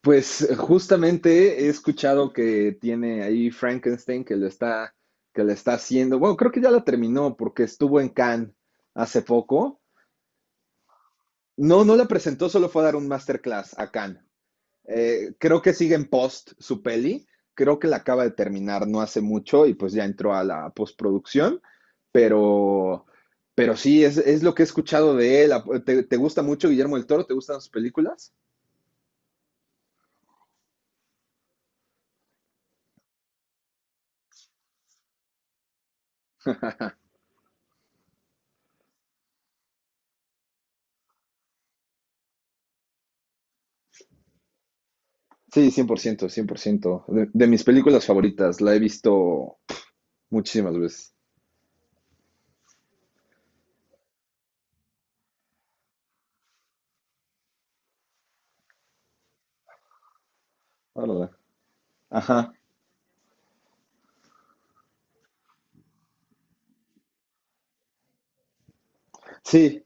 Justamente he escuchado que tiene ahí Frankenstein que la está haciendo. Bueno, creo que ya la terminó porque estuvo en Cannes hace poco. No, no la presentó, solo fue a dar un masterclass a Cannes. Creo que sigue en post su peli. Creo que la acaba de terminar no hace mucho y pues ya entró a la postproducción. Pero, pero sí, es lo que he escuchado de él. ¿Te gusta mucho Guillermo del Toro? ¿Te gustan sus películas? Sí, 100%, 100%. De mis películas favoritas, la he visto muchísimas veces. Órale. Ajá. Sí,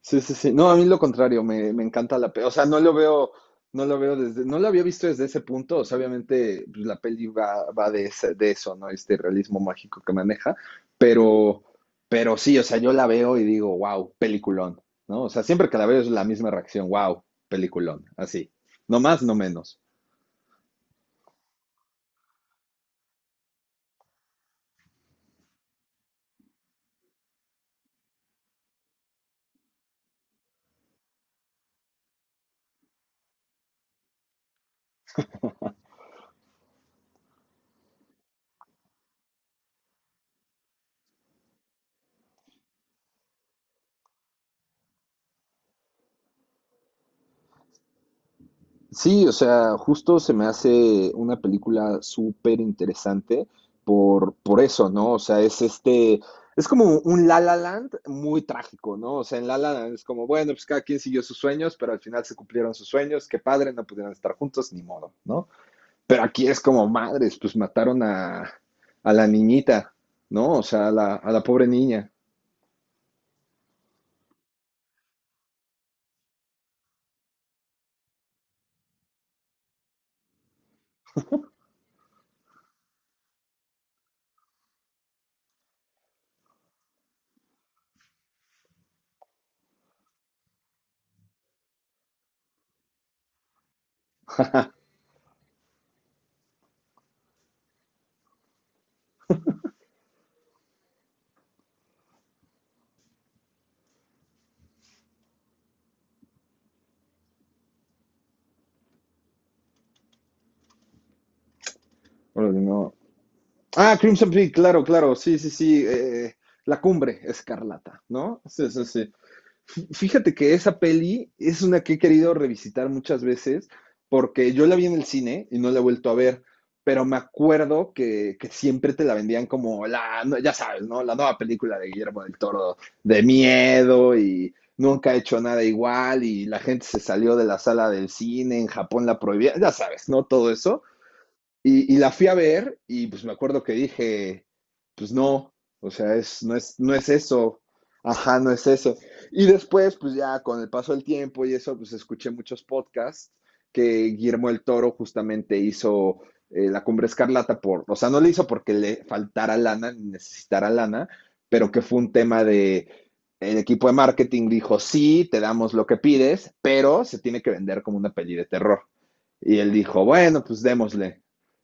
sí, sí, sí. No, a mí lo contrario, me encanta la peli. O sea, no lo veo desde, no lo había visto desde ese punto. O sea, obviamente pues, la peli va de, de eso, ¿no? Este realismo mágico que maneja. Pero, pero sí, o sea, yo la veo y digo, wow, peliculón, ¿no? O sea, siempre que la veo es la misma reacción, wow, peliculón, así. No más, no menos. Sí, o sea, justo se me hace una película súper interesante por eso, ¿no? O sea, es como un La La Land muy trágico, ¿no? O sea, en La La Land es como, bueno, pues cada quien siguió sus sueños, pero al final se cumplieron sus sueños, qué padre, no pudieron estar juntos, ni modo, ¿no? Pero aquí es como, madres, pues a la niñita, ¿no? O sea, a la pobre niña. Órale, no. Ah, Crimson Peak, claro, claro, sí, sí, sí, la cumbre escarlata, ¿no? Sí, sí, sí. Fíjate que esa peli es una que he querido revisitar muchas veces porque yo la vi en el cine y no la he vuelto a ver, pero me acuerdo que siempre te la vendían como la, no- ya sabes, ¿no? La nueva película de Guillermo del Toro de miedo y nunca ha hecho nada igual y la gente se salió de la sala del cine, en Japón la prohibía, ya sabes, ¿no? Todo eso. Y la fui a ver y pues me acuerdo que dije, pues no, o sea, no es eso. Ajá, no es eso. Y después, pues ya con el paso del tiempo y eso, pues escuché muchos podcasts que Guillermo el Toro justamente hizo La Cumbre Escarlata por, o sea, no le hizo porque le faltara lana, ni necesitara lana, pero que fue un tema de, el equipo de marketing dijo, sí, te damos lo que pides, pero se tiene que vender como una peli de terror. Y él dijo, bueno, pues démosle.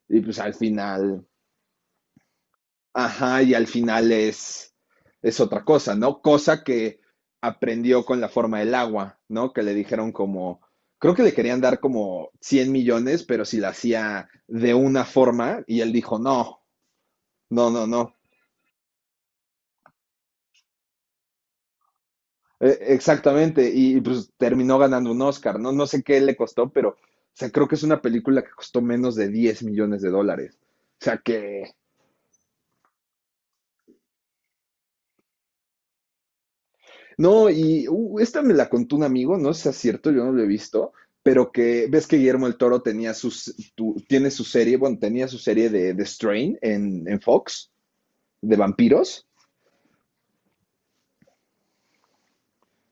Y pues al final, ajá, y al final es otra cosa, ¿no? Cosa que aprendió con la forma del agua, ¿no? Que le dijeron como, creo que le querían dar como 100 millones, pero si la hacía de una forma, y él dijo, no, no, no, no. Exactamente, y, pues terminó ganando un Oscar, ¿no? No sé qué le costó, pero, o sea, creo que es una película que costó menos de 10 millones de dólares. O sea, que, no, y esta me la contó un amigo, no sé si es cierto, yo no lo he visto, pero que ves que Guillermo el Toro tenía tiene su serie, bueno, tenía su serie de Strain en Fox, de vampiros,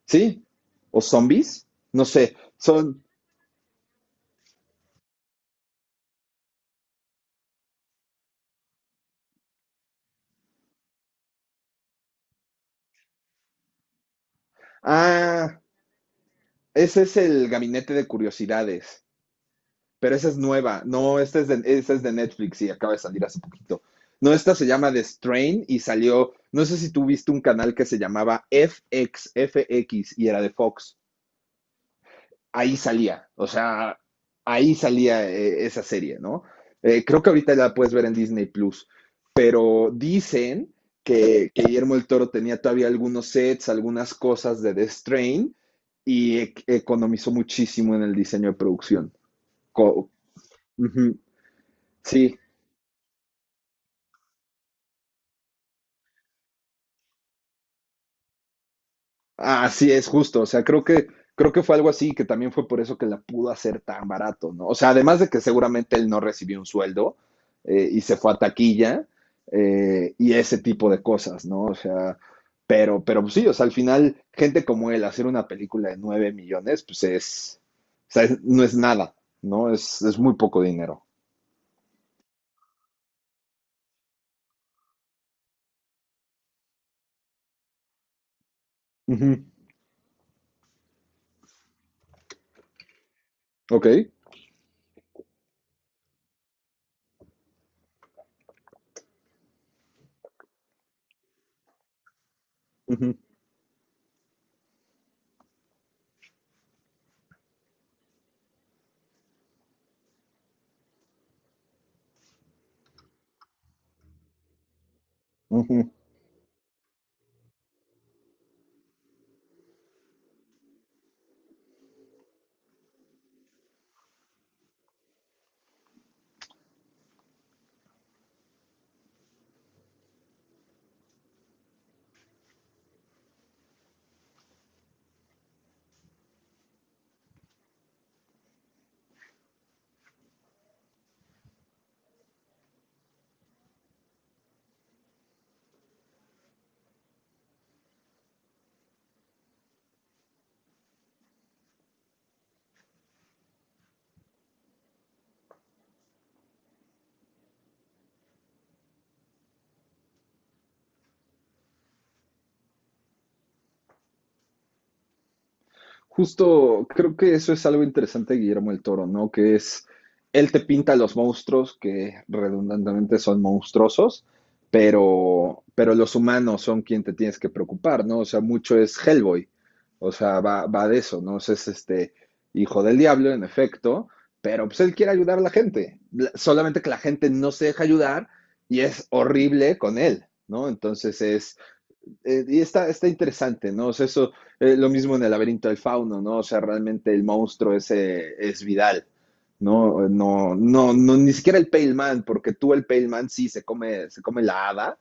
¿sí? O zombies, no sé, son... Ah, ese es el Gabinete de Curiosidades, pero esa es nueva, no, esta es de Netflix y acaba de salir hace poquito. No, esta se llama The Strain y salió, no sé si tú viste un canal que se llamaba FX y era de Fox. ahí salía, o sea, ahí salía esa serie, ¿no? Creo que ahorita la puedes ver en Disney Plus, pero dicen que Guillermo el Toro tenía todavía algunos sets, algunas cosas de The Strain y economizó muchísimo en el diseño de producción. Co- Ujú, sí, así es, justo. O sea, creo que fue algo así que también fue por eso que la pudo hacer tan barato, ¿no? O sea, además de que seguramente él no recibió un sueldo y se fue a taquilla y ese tipo de cosas, ¿no? O sea, pero pues sí, o sea, al final, gente como él, hacer una película de 9 millones, pues es, o sea, no es nada, ¿no? Es muy poco dinero. Ujú. Ok. Ujú. Ujú. Justo creo que eso es algo interesante de Guillermo el Toro, ¿no? Que es, él te pinta los monstruos que redundantemente son monstruosos, pero los humanos son quien te tienes que preocupar, ¿no? O sea, mucho es Hellboy, o sea, va de eso, ¿no? O sea, es este hijo del diablo, en efecto, pero pues él quiere ayudar a la gente, solamente que la gente no se deja ayudar y es horrible con él, ¿no? Entonces es y está interesante, ¿no? O sea, eso, lo mismo en el laberinto del fauno, ¿no? O sea, realmente el monstruo ese es Vidal, ¿no? No, no, no, ni siquiera el Pale Man, porque tú el Pale Man sí se come la hada,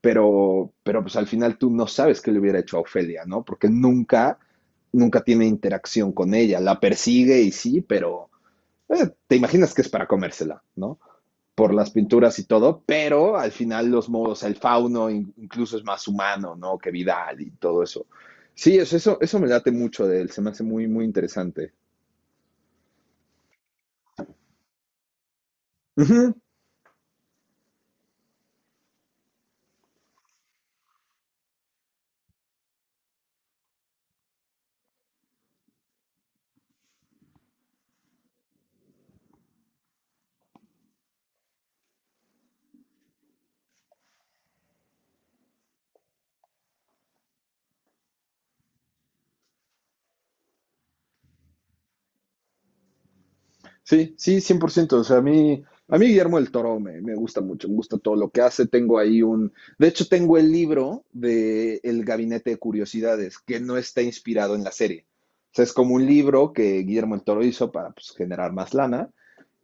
pero pues al final tú no sabes qué le hubiera hecho a Ofelia, ¿no? Porque nunca, nunca tiene interacción con ella, la persigue y sí, pero te imaginas que es para comérsela, ¿no? Por las pinturas y todo, pero al final los modos, el fauno incluso es más humano, ¿no? Que Vidal y todo eso. Sí, eso me late mucho de él, se me hace muy, muy interesante. Uh sí, sí, 100%. O sea, a mí Guillermo del Toro gusta mucho, me gusta todo lo que hace. Tengo ahí un. De hecho, tengo el libro de El Gabinete de Curiosidades, que no está inspirado en la serie. O sea, es como un libro que Guillermo del Toro hizo para pues, generar más lana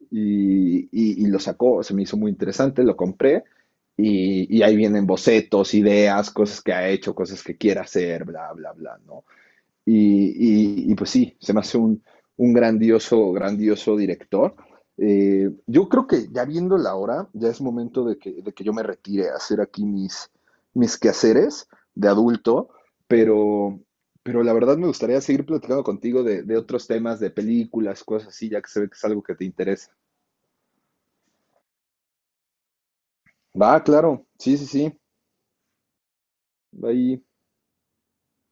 y, y lo sacó, se me hizo muy interesante, lo compré y ahí vienen bocetos, ideas, cosas que ha hecho, cosas que quiere hacer, bla, bla, bla, ¿no? Y, y, pues sí, se me hace un grandioso, grandioso director. Yo creo que ya viendo la hora, ya es momento de que yo me retire a hacer aquí mis, mis quehaceres de adulto, pero, pero la verdad me gustaría seguir platicando contigo de otros temas, de películas, cosas así, ya que se ve que es algo que te interesa. Va, claro, sí, sí, sí. Ahí